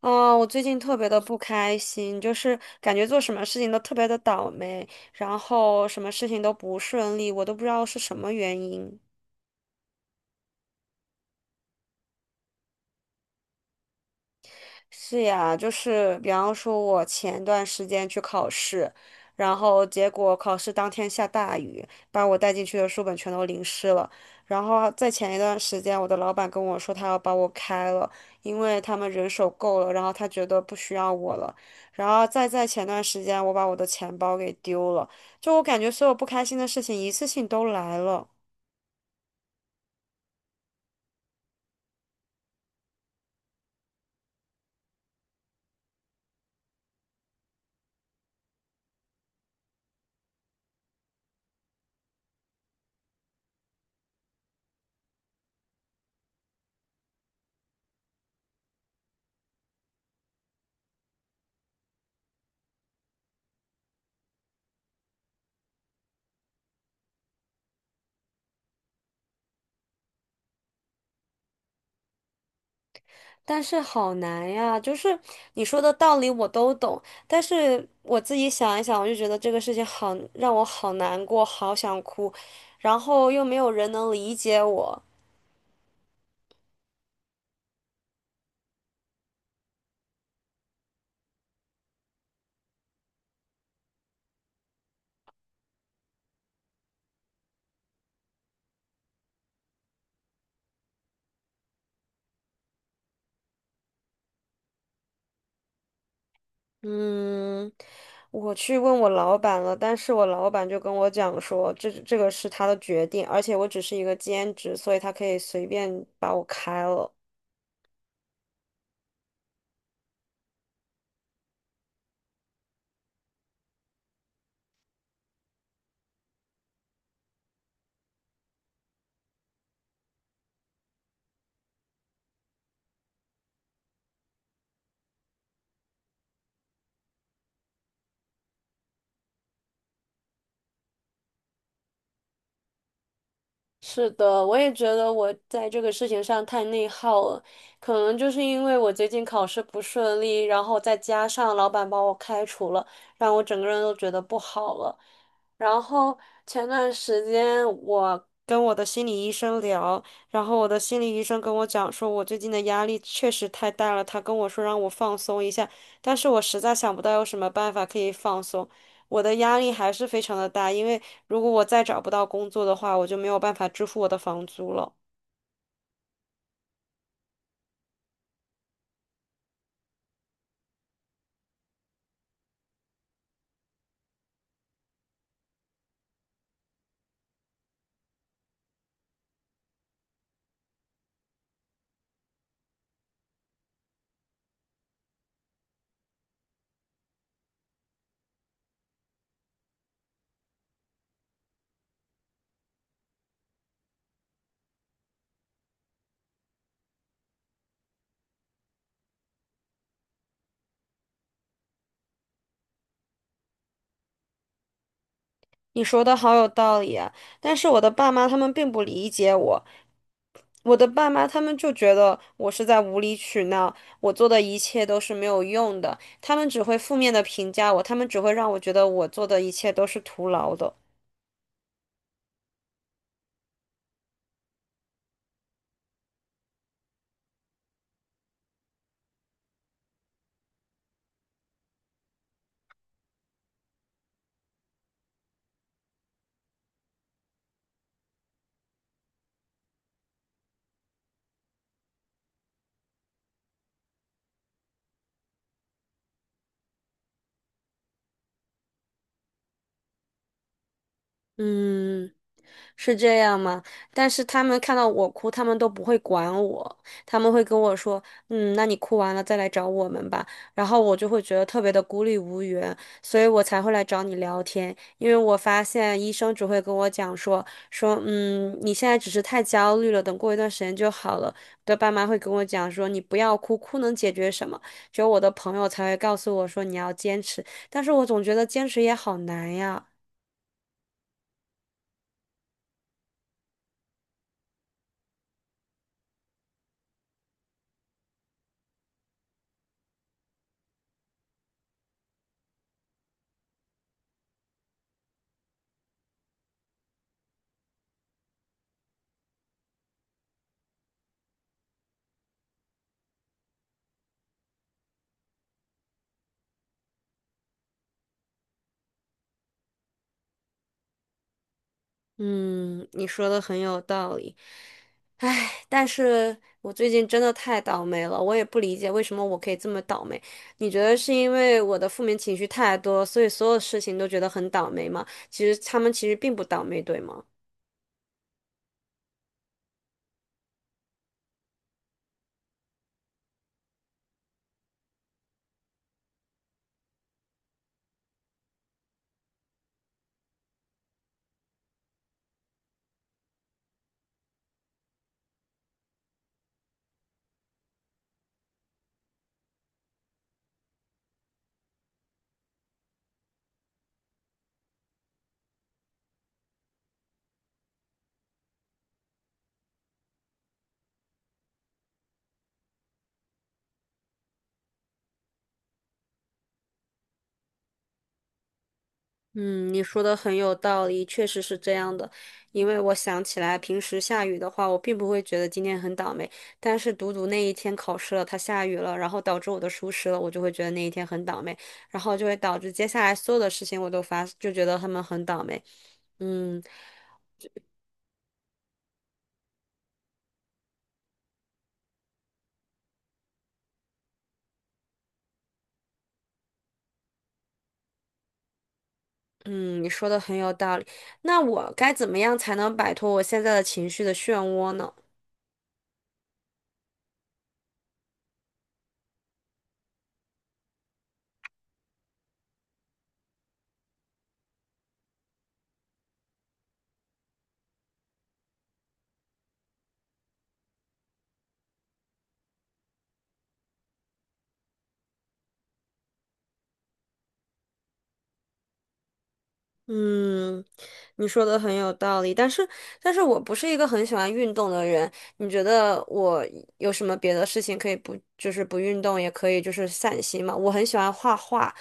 啊，我最近特别的不开心，就是感觉做什么事情都特别的倒霉，然后什么事情都不顺利，我都不知道是什么原因。是呀，就是比方说，我前段时间去考试，然后结果考试当天下大雨，把我带进去的书本全都淋湿了。然后在前一段时间，我的老板跟我说他要把我开了，因为他们人手够了，然后他觉得不需要我了。然后再在前段时间，我把我的钱包给丢了，就我感觉所有不开心的事情一次性都来了。但是好难呀，就是你说的道理我都懂，但是我自己想一想，我就觉得这个事情好，让我好难过，好想哭，然后又没有人能理解我。嗯，我去问我老板了，但是我老板就跟我讲说，这个是他的决定，而且我只是一个兼职，所以他可以随便把我开了。是的，我也觉得我在这个事情上太内耗了，可能就是因为我最近考试不顺利，然后再加上老板把我开除了，让我整个人都觉得不好了。然后前段时间我跟我的心理医生聊，然后我的心理医生跟我讲说，我最近的压力确实太大了，他跟我说让我放松一下，但是我实在想不到有什么办法可以放松。我的压力还是非常的大，因为如果我再找不到工作的话，我就没有办法支付我的房租了。你说的好有道理啊，但是我的爸妈他们并不理解我，我的爸妈他们就觉得我是在无理取闹，我做的一切都是没有用的，他们只会负面的评价我，他们只会让我觉得我做的一切都是徒劳的。嗯。是这样吗？但是他们看到我哭，他们都不会管我，他们会跟我说：“嗯，那你哭完了再来找我们吧。”然后我就会觉得特别的孤立无援，所以我才会来找你聊天。因为我发现医生只会跟我讲说，嗯，你现在只是太焦虑了，等过一段时间就好了。我的爸妈会跟我讲说，你不要哭，哭能解决什么？只有我的朋友才会告诉我说你要坚持，但是我总觉得坚持也好难呀。嗯，你说的很有道理。唉，但是我最近真的太倒霉了，我也不理解为什么我可以这么倒霉。你觉得是因为我的负面情绪太多，所以所有事情都觉得很倒霉吗？其实他们其实并不倒霉，对吗？嗯，你说的很有道理，确实是这样的。因为我想起来，平时下雨的话，我并不会觉得今天很倒霉，但是独独那一天考试了，它下雨了，然后导致我的疏失了，我就会觉得那一天很倒霉，然后就会导致接下来所有的事情我都发，就觉得他们很倒霉。嗯嗯，你说的很有道理。那我该怎么样才能摆脱我现在的情绪的漩涡呢？嗯，你说的很有道理，但是，但是我不是一个很喜欢运动的人。你觉得我有什么别的事情可以不，就是不运动也可以，就是散心嘛？我很喜欢画画，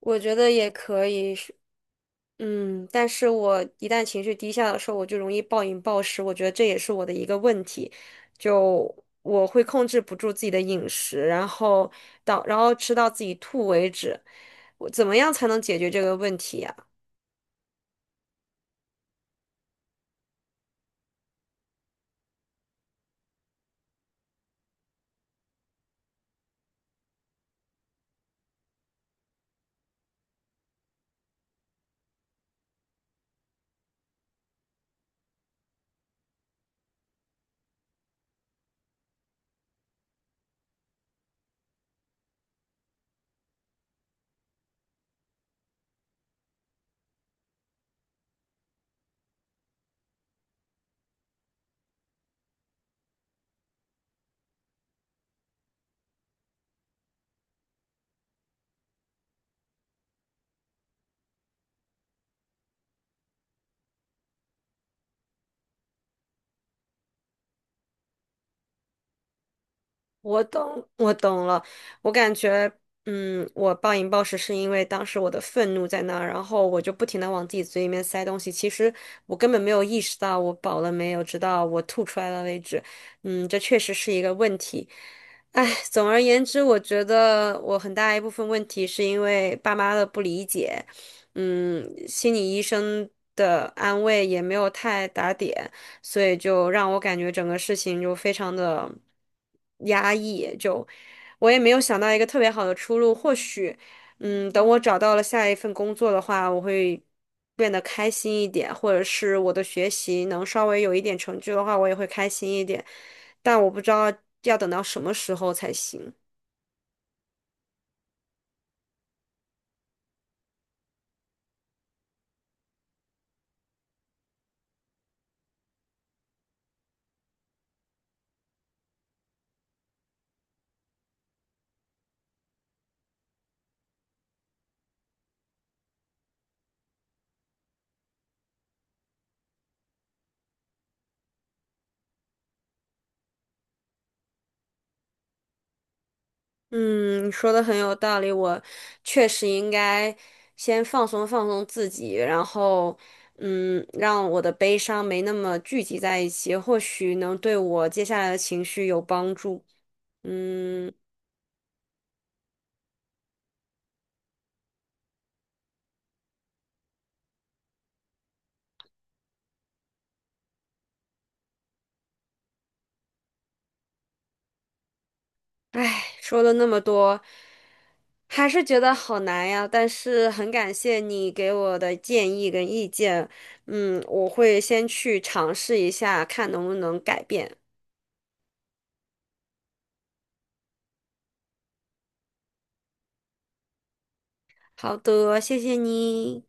我觉得也可以是嗯，但是我一旦情绪低下的时候，我就容易暴饮暴食，我觉得这也是我的一个问题，就我会控制不住自己的饮食，然后到，然后吃到自己吐为止。我怎么样才能解决这个问题呀？我懂，我懂了。我感觉，嗯，我暴饮暴食是因为当时我的愤怒在那儿，然后我就不停的往自己嘴里面塞东西。其实我根本没有意识到我饱了没有，直到我吐出来了为止。嗯，这确实是一个问题。唉，总而言之，我觉得我很大一部分问题是因为爸妈的不理解，嗯，心理医生的安慰也没有太打点。所以就让我感觉整个事情就非常的压抑，就我也没有想到一个特别好的出路。或许，嗯，等我找到了下一份工作的话，我会变得开心一点，或者是我的学习能稍微有一点成就的话，我也会开心一点。但我不知道要等到什么时候才行。嗯，你说的很有道理，我确实应该先放松放松自己，然后，嗯，让我的悲伤没那么聚集在一起，或许能对我接下来的情绪有帮助。嗯，唉，说了那么多，还是觉得好难呀，但是很感谢你给我的建议跟意见，嗯，我会先去尝试一下，看能不能改变。好的，谢谢你。